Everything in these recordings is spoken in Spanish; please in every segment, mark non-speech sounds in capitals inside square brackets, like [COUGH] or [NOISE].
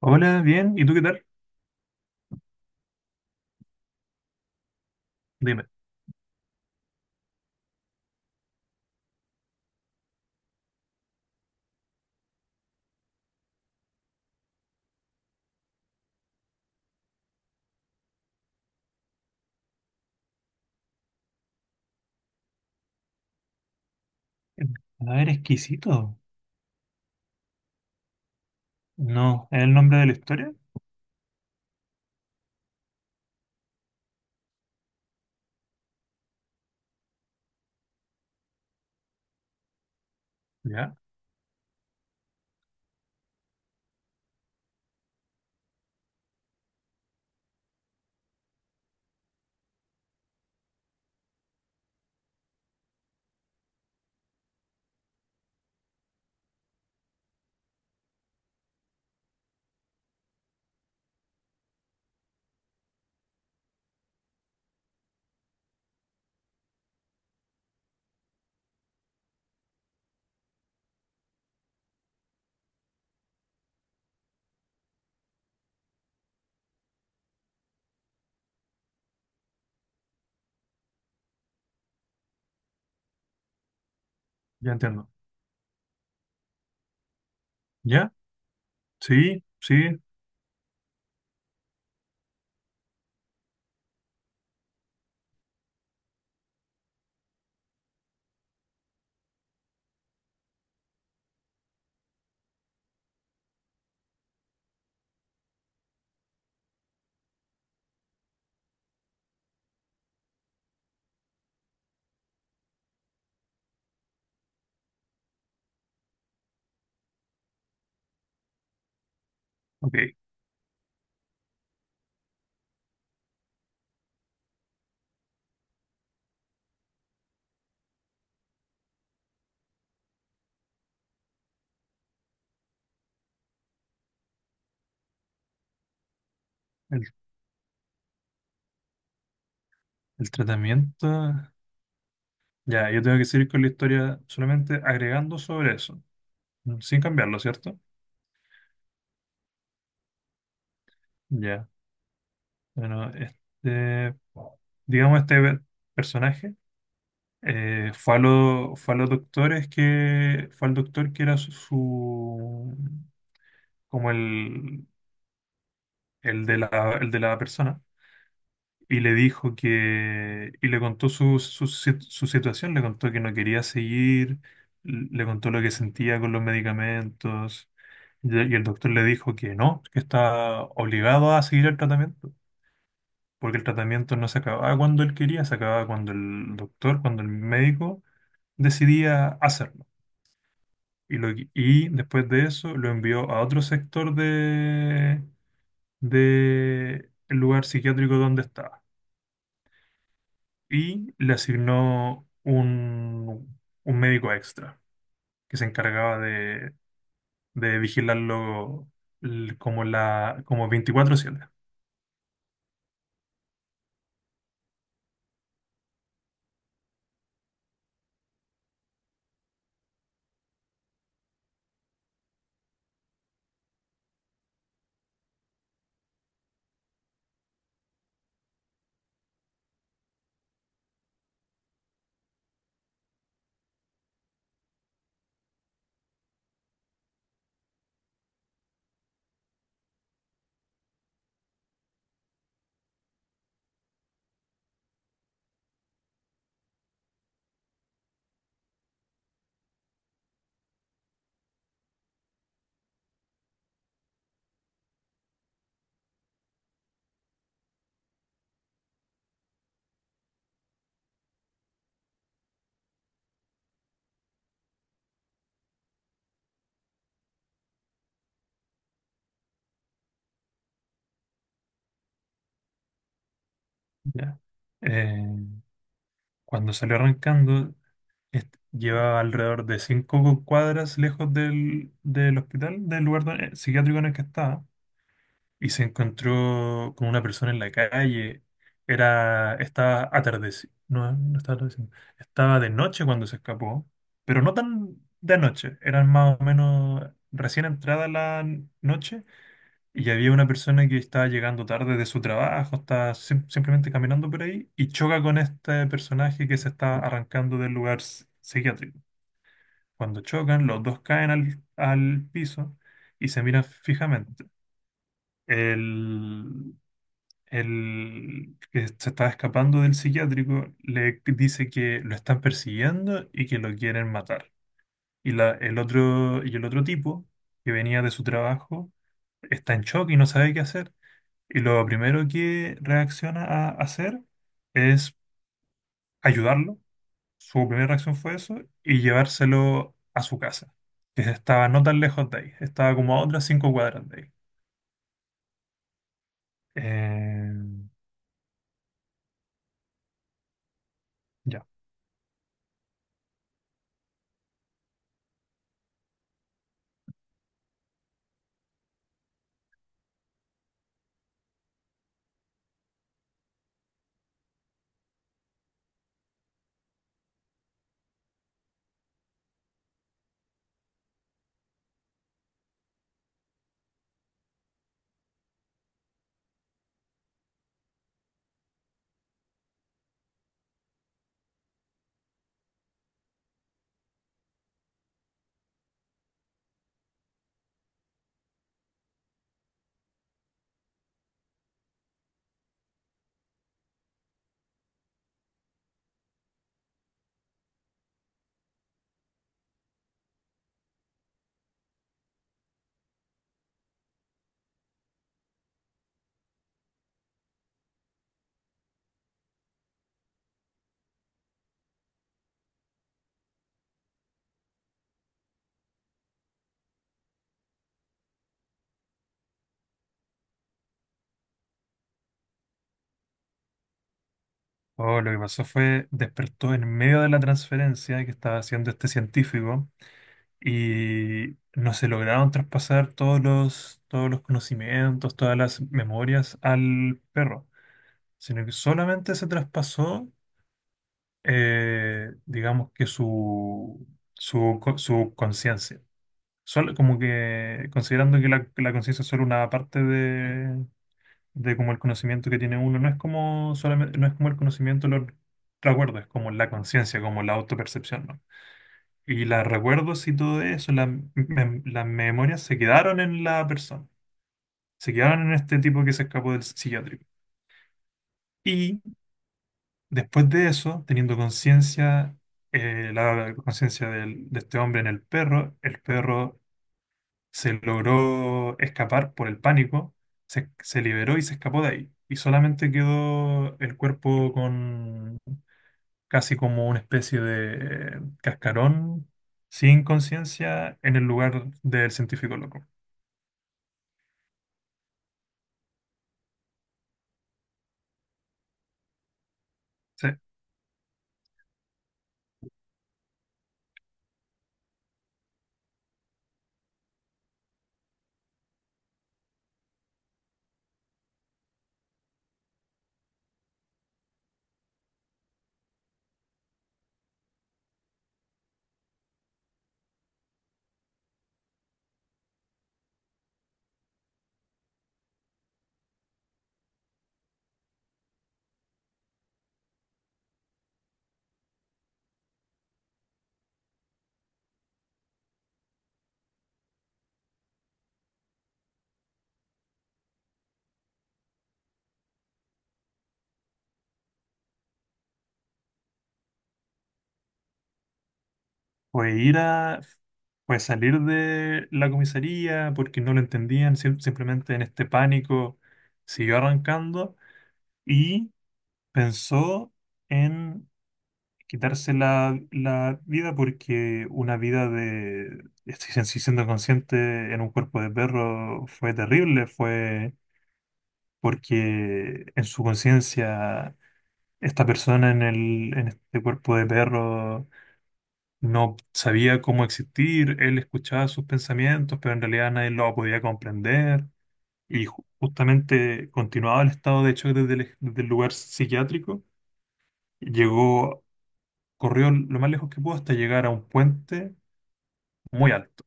Hola, bien. ¿Y tú qué tal? Dime. A ver, exquisito. No, ¿es el nombre de la historia? Ya, ya entiendo. ¿Ya? Sí, sí, ok. El, el tratamiento. Ya, yo tengo que seguir con la historia solamente agregando sobre eso, mm, sin cambiarlo, ¿cierto? Ya. Bueno, este, digamos, personaje fue a los doctores que, fue al doctor que era como el de la persona. Y le dijo que, y le contó su, su, si- su situación, le contó que no quería seguir, le contó lo que sentía con los medicamentos, y el doctor le dijo que no, que está obligado a seguir el tratamiento, porque el tratamiento no se acababa cuando él quería, se acababa cuando el doctor, cuando el médico decidía hacerlo. Y después de eso lo envió a otro sector de el lugar psiquiátrico donde estaba. Y le asignó un médico extra que se encargaba de vigilarlo como 24/7. ¿Ya? Eh, cuando salió arrancando, llevaba alrededor de 5 cuadras lejos del, del hospital, del lugar psiquiátrico en el que estaba, y se encontró con una persona en la calle. Era, estaba atardecido, no, no estaba atardeciendo. Estaba de noche cuando se escapó, pero no tan de noche, eran más o menos recién entrada la noche y había una persona que estaba llegando tarde de su trabajo, estaba simplemente caminando por ahí y choca con este personaje que se está arrancando del lugar psiquiátrico. Cuando chocan, los dos caen al, al piso y se miran fijamente. El, el que se está escapando del psiquiátrico le dice que lo están persiguiendo y que lo quieren matar. Y el otro tipo, que venía de su trabajo, está en shock y no sabe qué hacer. Y lo primero que reacciona a hacer es ayudarlo. Su primera reacción fue eso y llevárselo a su casa, que estaba no tan lejos de ahí, estaba como a otras 5 cuadras de ahí. Eh, ya. Oh, lo que pasó fue, despertó en medio de la transferencia que estaba haciendo este científico y no se lograron traspasar todos los conocimientos, todas las memorias al perro, sino que solamente se traspasó, digamos que su conciencia. Solo, como que considerando que la conciencia es solo una parte de como el conocimiento que tiene uno, no es como solamente, no es como el conocimiento de los recuerdos, es como la conciencia, como la autopercepción, ¿no? Y los recuerdos y todo eso, las memorias se quedaron en la persona, se quedaron en este tipo que se escapó del psiquiátrico. Y después de eso, teniendo conciencia, la conciencia de este hombre en el perro se logró escapar por el pánico, se liberó y se escapó de ahí. Y solamente quedó el cuerpo con casi como una especie de cascarón sin conciencia en el lugar del científico loco. Sí. Fue ir a... Fue salir de la comisaría porque no lo entendían, simplemente en este pánico siguió arrancando y pensó en quitarse la, la vida porque una vida de, estoy sin siendo consciente, en un cuerpo de perro fue terrible, fue porque en su conciencia esta persona en el, en este cuerpo de perro no sabía cómo existir, él escuchaba sus pensamientos, pero en realidad nadie lo podía comprender y justamente continuaba el estado de hecho desde desde el lugar psiquiátrico, llegó corrió lo más lejos que pudo hasta llegar a un puente muy alto,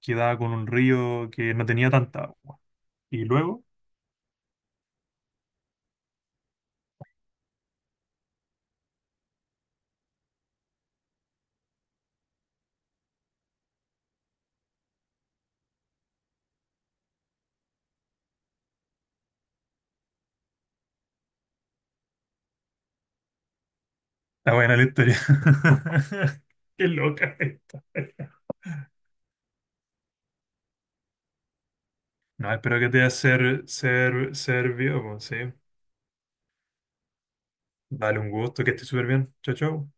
que daba con un río que no tenía tanta agua. Y luego, está buena la historia. [LAUGHS] Qué loca. Eh. No, espero que te haya servido, pues, sí. Dale un gusto, que estés súper bien. Chao, chao.